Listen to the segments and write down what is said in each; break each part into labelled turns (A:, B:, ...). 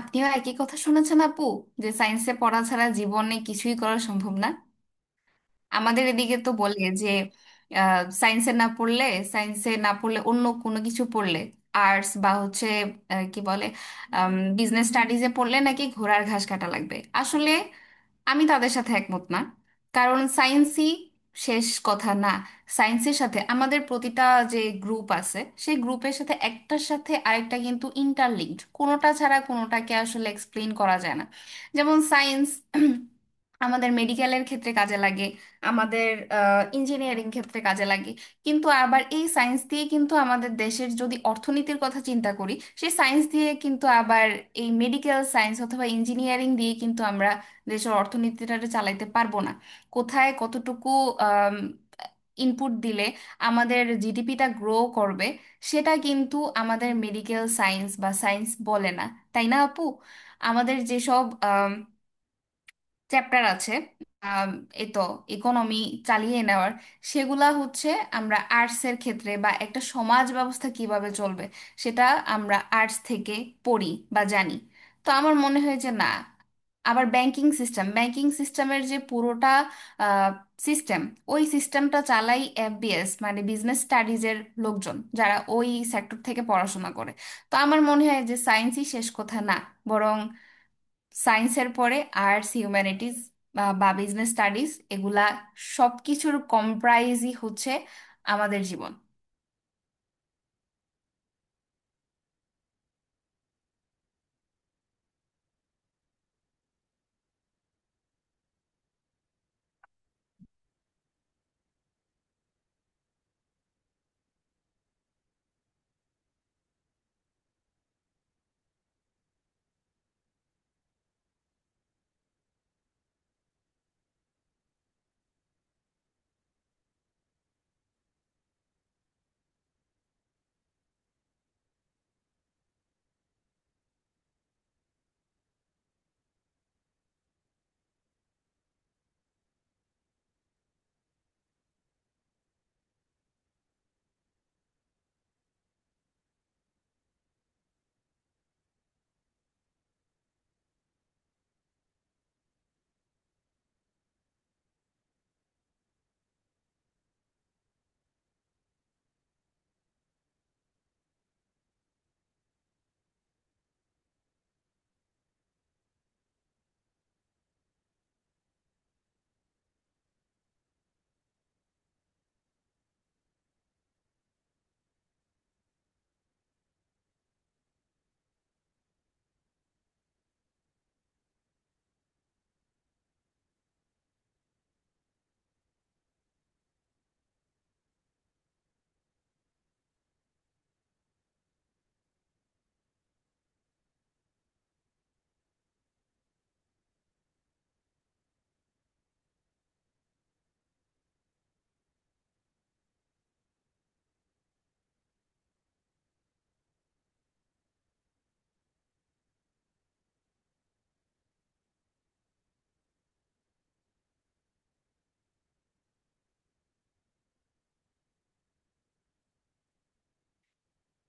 A: আপনিও একই কথা শুনেছেন আপু? যে সায়েন্সে পড়া ছাড়া জীবনে কিছুই করা সম্ভব না? আমাদের এদিকে তো বলে যে সায়েন্সে না পড়লে, অন্য কোনো কিছু পড়লে, আর্টস বা হচ্ছে আহ, কি বলে বিজনেস স্টাডিজে পড়লে নাকি ঘোড়ার ঘাস কাটা লাগবে। আসলে আমি তাদের সাথে একমত না। কারণ সায়েন্সই শেষ কথা না। সায়েন্সের সাথে আমাদের প্রতিটা যে গ্রুপ আছে, সেই গ্রুপের সাথে একটার সাথে আরেকটা কিন্তু ইন্টারলিঙ্কড, কোনোটা ছাড়া কোনোটাকে আসলে এক্সপ্লেন করা যায় না। যেমন সায়েন্স আমাদের মেডিকেলের ক্ষেত্রে কাজে লাগে, আমাদের ইঞ্জিনিয়ারিং ক্ষেত্রে কাজে লাগে। কিন্তু আবার এই সায়েন্স দিয়ে, কিন্তু আমাদের দেশের যদি অর্থনীতির কথা চিন্তা করি, সেই সায়েন্স দিয়ে কিন্তু আবার, এই মেডিকেল সায়েন্স অথবা ইঞ্জিনিয়ারিং দিয়ে কিন্তু আমরা দেশের অর্থনীতিটা চালাইতে পারবো না। কোথায় কতটুকু ইনপুট দিলে আমাদের জিডিপিটা গ্রো করবে, সেটা কিন্তু আমাদের মেডিকেল সায়েন্স বা সায়েন্স বলে না। তাই না আপু? আমাদের যেসব চ্যাপ্টার আছে আম, এই তো ইকোনমি চালিয়ে নেওয়ার, সেগুলা হচ্ছে আমরা আর্টসের ক্ষেত্রে, বা একটা সমাজ ব্যবস্থা কিভাবে চলবে সেটা আমরা আর্টস থেকে পড়ি বা জানি। তো আমার মনে হয় যে না, আবার ব্যাংকিং সিস্টেম, ব্যাংকিং সিস্টেমের যে পুরোটা সিস্টেম, ওই সিস্টেমটা চালাই এফবিএস মানে বিজনেস স্টাডিজের লোকজন, যারা ওই সেক্টর থেকে পড়াশোনা করে। তো আমার মনে হয় যে সায়েন্সই শেষ কথা না, বরং সায়েন্সের পরে আর্টস, হিউম্যানিটিজ বা বিজনেস স্টাডিজ, এগুলা সবকিছুর কম্প্রাইজই হচ্ছে আমাদের জীবন।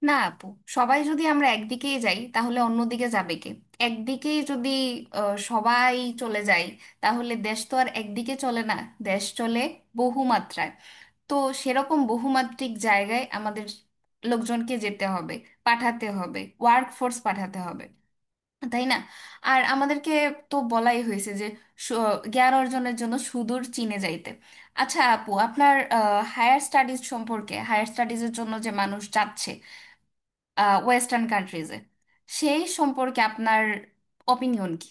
A: না আপু, সবাই যদি আমরা একদিকেই যাই তাহলে অন্যদিকে যাবে কে? একদিকেই যদি সবাই চলে যায়, তাহলে দেশ তো আর একদিকে চলে না। দেশ চলে বহুমাত্রায়। তো সেরকম বহুমাত্রিক জায়গায় আমাদের লোকজনকে যেতে হবে, পাঠাতে হবে, ওয়ার্ক ফোর্স পাঠাতে হবে, তাই না? আর আমাদেরকে তো বলাই হয়েছে যে সু- জ্ঞান অর্জনের জন্য সুদূর চীনে যাইতে। আচ্ছা আপু, আপনার হায়ার স্টাডিজ সম্পর্কে, হায়ার স্টাডিজের জন্য যে মানুষ যাচ্ছে ওয়েস্টার্ন কান্ট্রিজে, সেই সম্পর্কে আপনার অপিনিয়ন কি?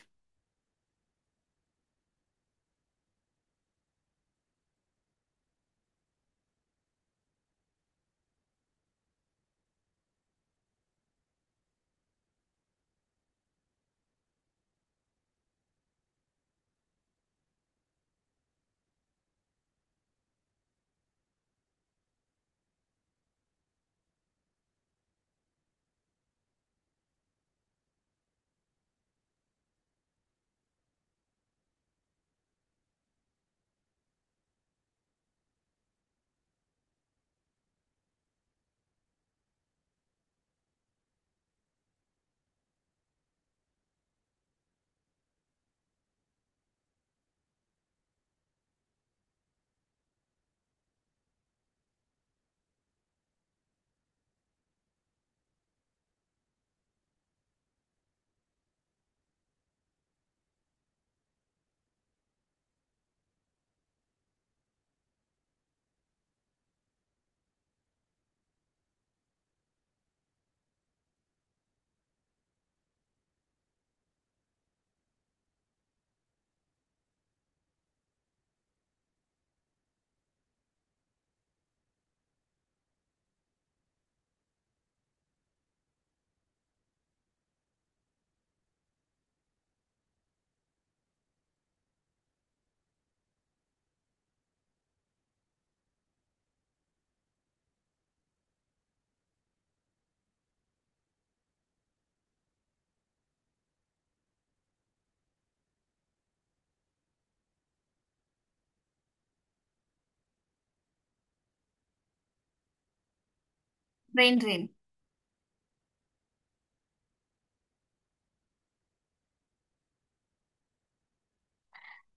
A: Brain drain.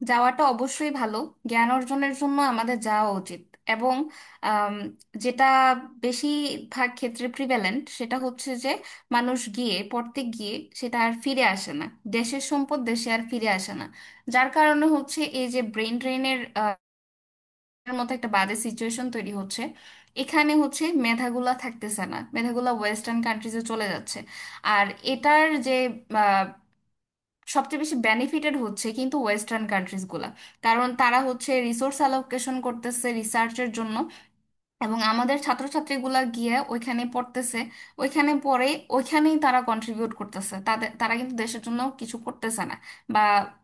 A: যাওয়াটা অবশ্যই ভালো, জ্ঞান অর্জনের জন্য আমাদের যাওয়া উচিত। এবং আম, যেটা বেশিরভাগ ক্ষেত্রে প্রিভ্যালেন্ট সেটা হচ্ছে যে মানুষ গিয়ে পড়তে গিয়ে সেটা আর ফিরে আসে না। দেশের সম্পদ দেশে আর ফিরে আসে না। যার কারণে হচ্ছে এই যে ব্রেন ড্রেনের মতো একটা বাজে সিচুয়েশন তৈরি হচ্ছে। এখানে হচ্ছে মেধাগুলা থাকতেছে না, মেধাগুলা ওয়েস্টার্ন কান্ট্রিজে চলে যাচ্ছে। আর এটার যে সবচেয়ে বেশি বেনিফিটেড হচ্ছে কিন্তু ওয়েস্টার্ন কান্ট্রিজ গুলা, কারণ তারা হচ্ছে রিসোর্স অ্যালোকেশন করতেছে রিসার্চের জন্য, এবং আমাদের ছাত্রছাত্রীগুলা গিয়ে ওইখানে পড়তেছে। ওইখানে পড়ে ওইখানেই তারা কন্ট্রিবিউট করতেছে, তাদের, তারা কিন্তু দেশের জন্য কিছু করতেছে না, বা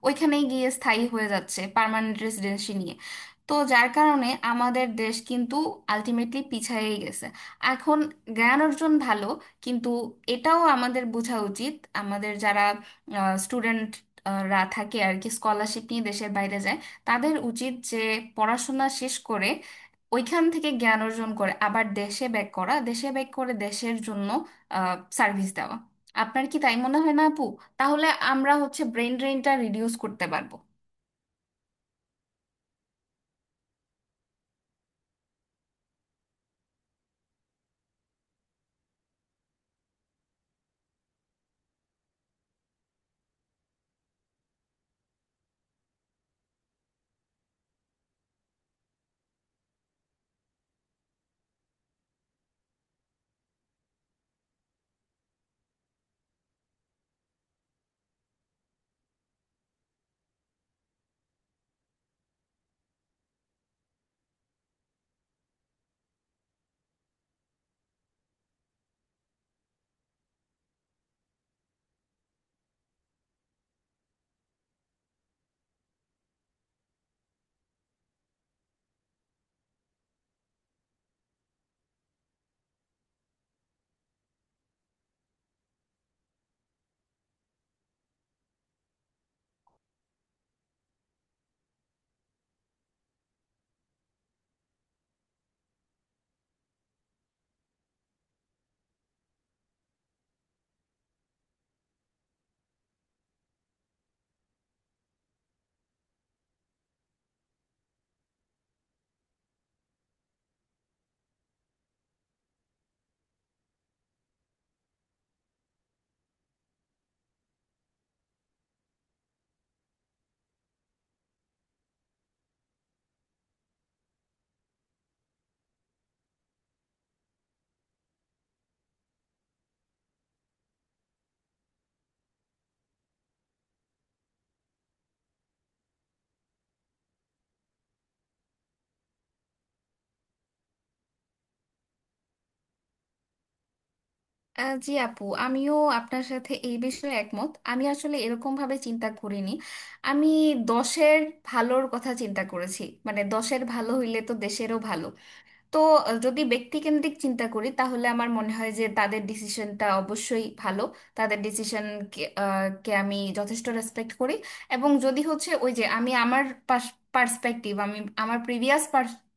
A: ওইখানেই গিয়ে স্থায়ী হয়ে যাচ্ছে পার্মানেন্ট রেসিডেন্সি নিয়ে। তো যার কারণে আমাদের দেশ কিন্তু আলটিমেটলি পিছায়েই গেছে। এখন জ্ঞান অর্জন ভালো, কিন্তু এটাও আমাদের বোঝা উচিত, আমাদের যারা স্টুডেন্ট রা থাকে আর কি, স্কলারশিপ নিয়ে দেশের বাইরে যায়, তাদের উচিত যে পড়াশোনা শেষ করে ওইখান থেকে জ্ঞান অর্জন করে আবার দেশে ব্যাক করা, দেশে ব্যাক করে দেশের জন্য সার্ভিস দেওয়া। আপনার কি তাই মনে হয় না আপু? তাহলে আমরা হচ্ছে ব্রেন ড্রেনটা রিডিউস করতে পারবো। জি আপু, আমিও আপনার সাথে এই বিষয়ে একমত। আমি আসলে এরকম ভাবে চিন্তা করিনি। আমি দশের ভালোর কথা চিন্তা করেছি, মানে দশের ভালো হইলে তো দেশেরও ভালো। তো যদি ব্যক্তিকেন্দ্রিক চিন্তা করি তাহলে আমার মনে হয় যে তাদের ডিসিশনটা অবশ্যই ভালো। তাদের ডিসিশন কে কে আমি যথেষ্ট রেসপেক্ট করি। এবং যদি হচ্ছে ওই যে আমি আমার পার্সপেক্টিভ, আমি আমার প্রিভিয়াস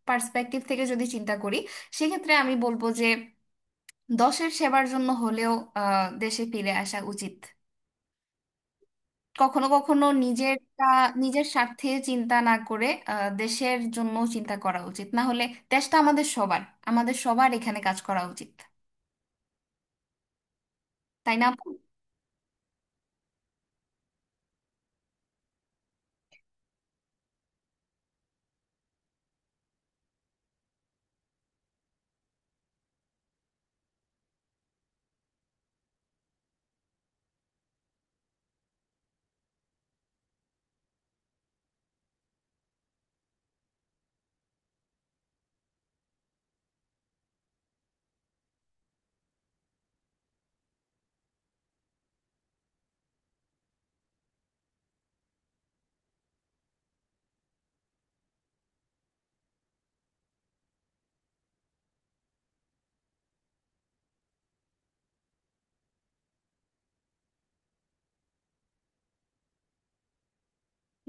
A: পার্সপেক্টিভ থেকে যদি চিন্তা করি, সেক্ষেত্রে আমি বলবো যে দশের সেবার জন্য হলেও দেশে ফিরে আসা উচিত। কখনো কখনো নিজেরটা, নিজের স্বার্থে চিন্তা না করে দেশের জন্য চিন্তা করা উচিত, না হলে দেশটা আমাদের সবার, আমাদের সবার এখানে কাজ করা উচিত। তাই না আপু?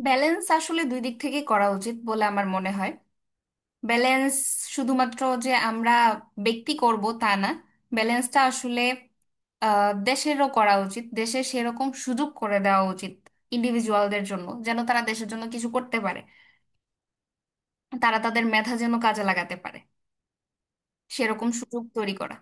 A: ব্যালেন্স আসলে দুই দিক থেকে করা উচিত বলে আমার মনে হয়। ব্যালেন্স শুধুমাত্র যে আমরা ব্যক্তি করব তা না, ব্যালেন্সটা আসলে দেশেরও করা উচিত, দেশে সেরকম সুযোগ করে দেওয়া উচিত ইন্ডিভিজুয়ালদের জন্য যেন তারা দেশের জন্য কিছু করতে পারে, তারা তাদের মেধা যেন কাজে লাগাতে পারে, সেরকম সুযোগ তৈরি করা।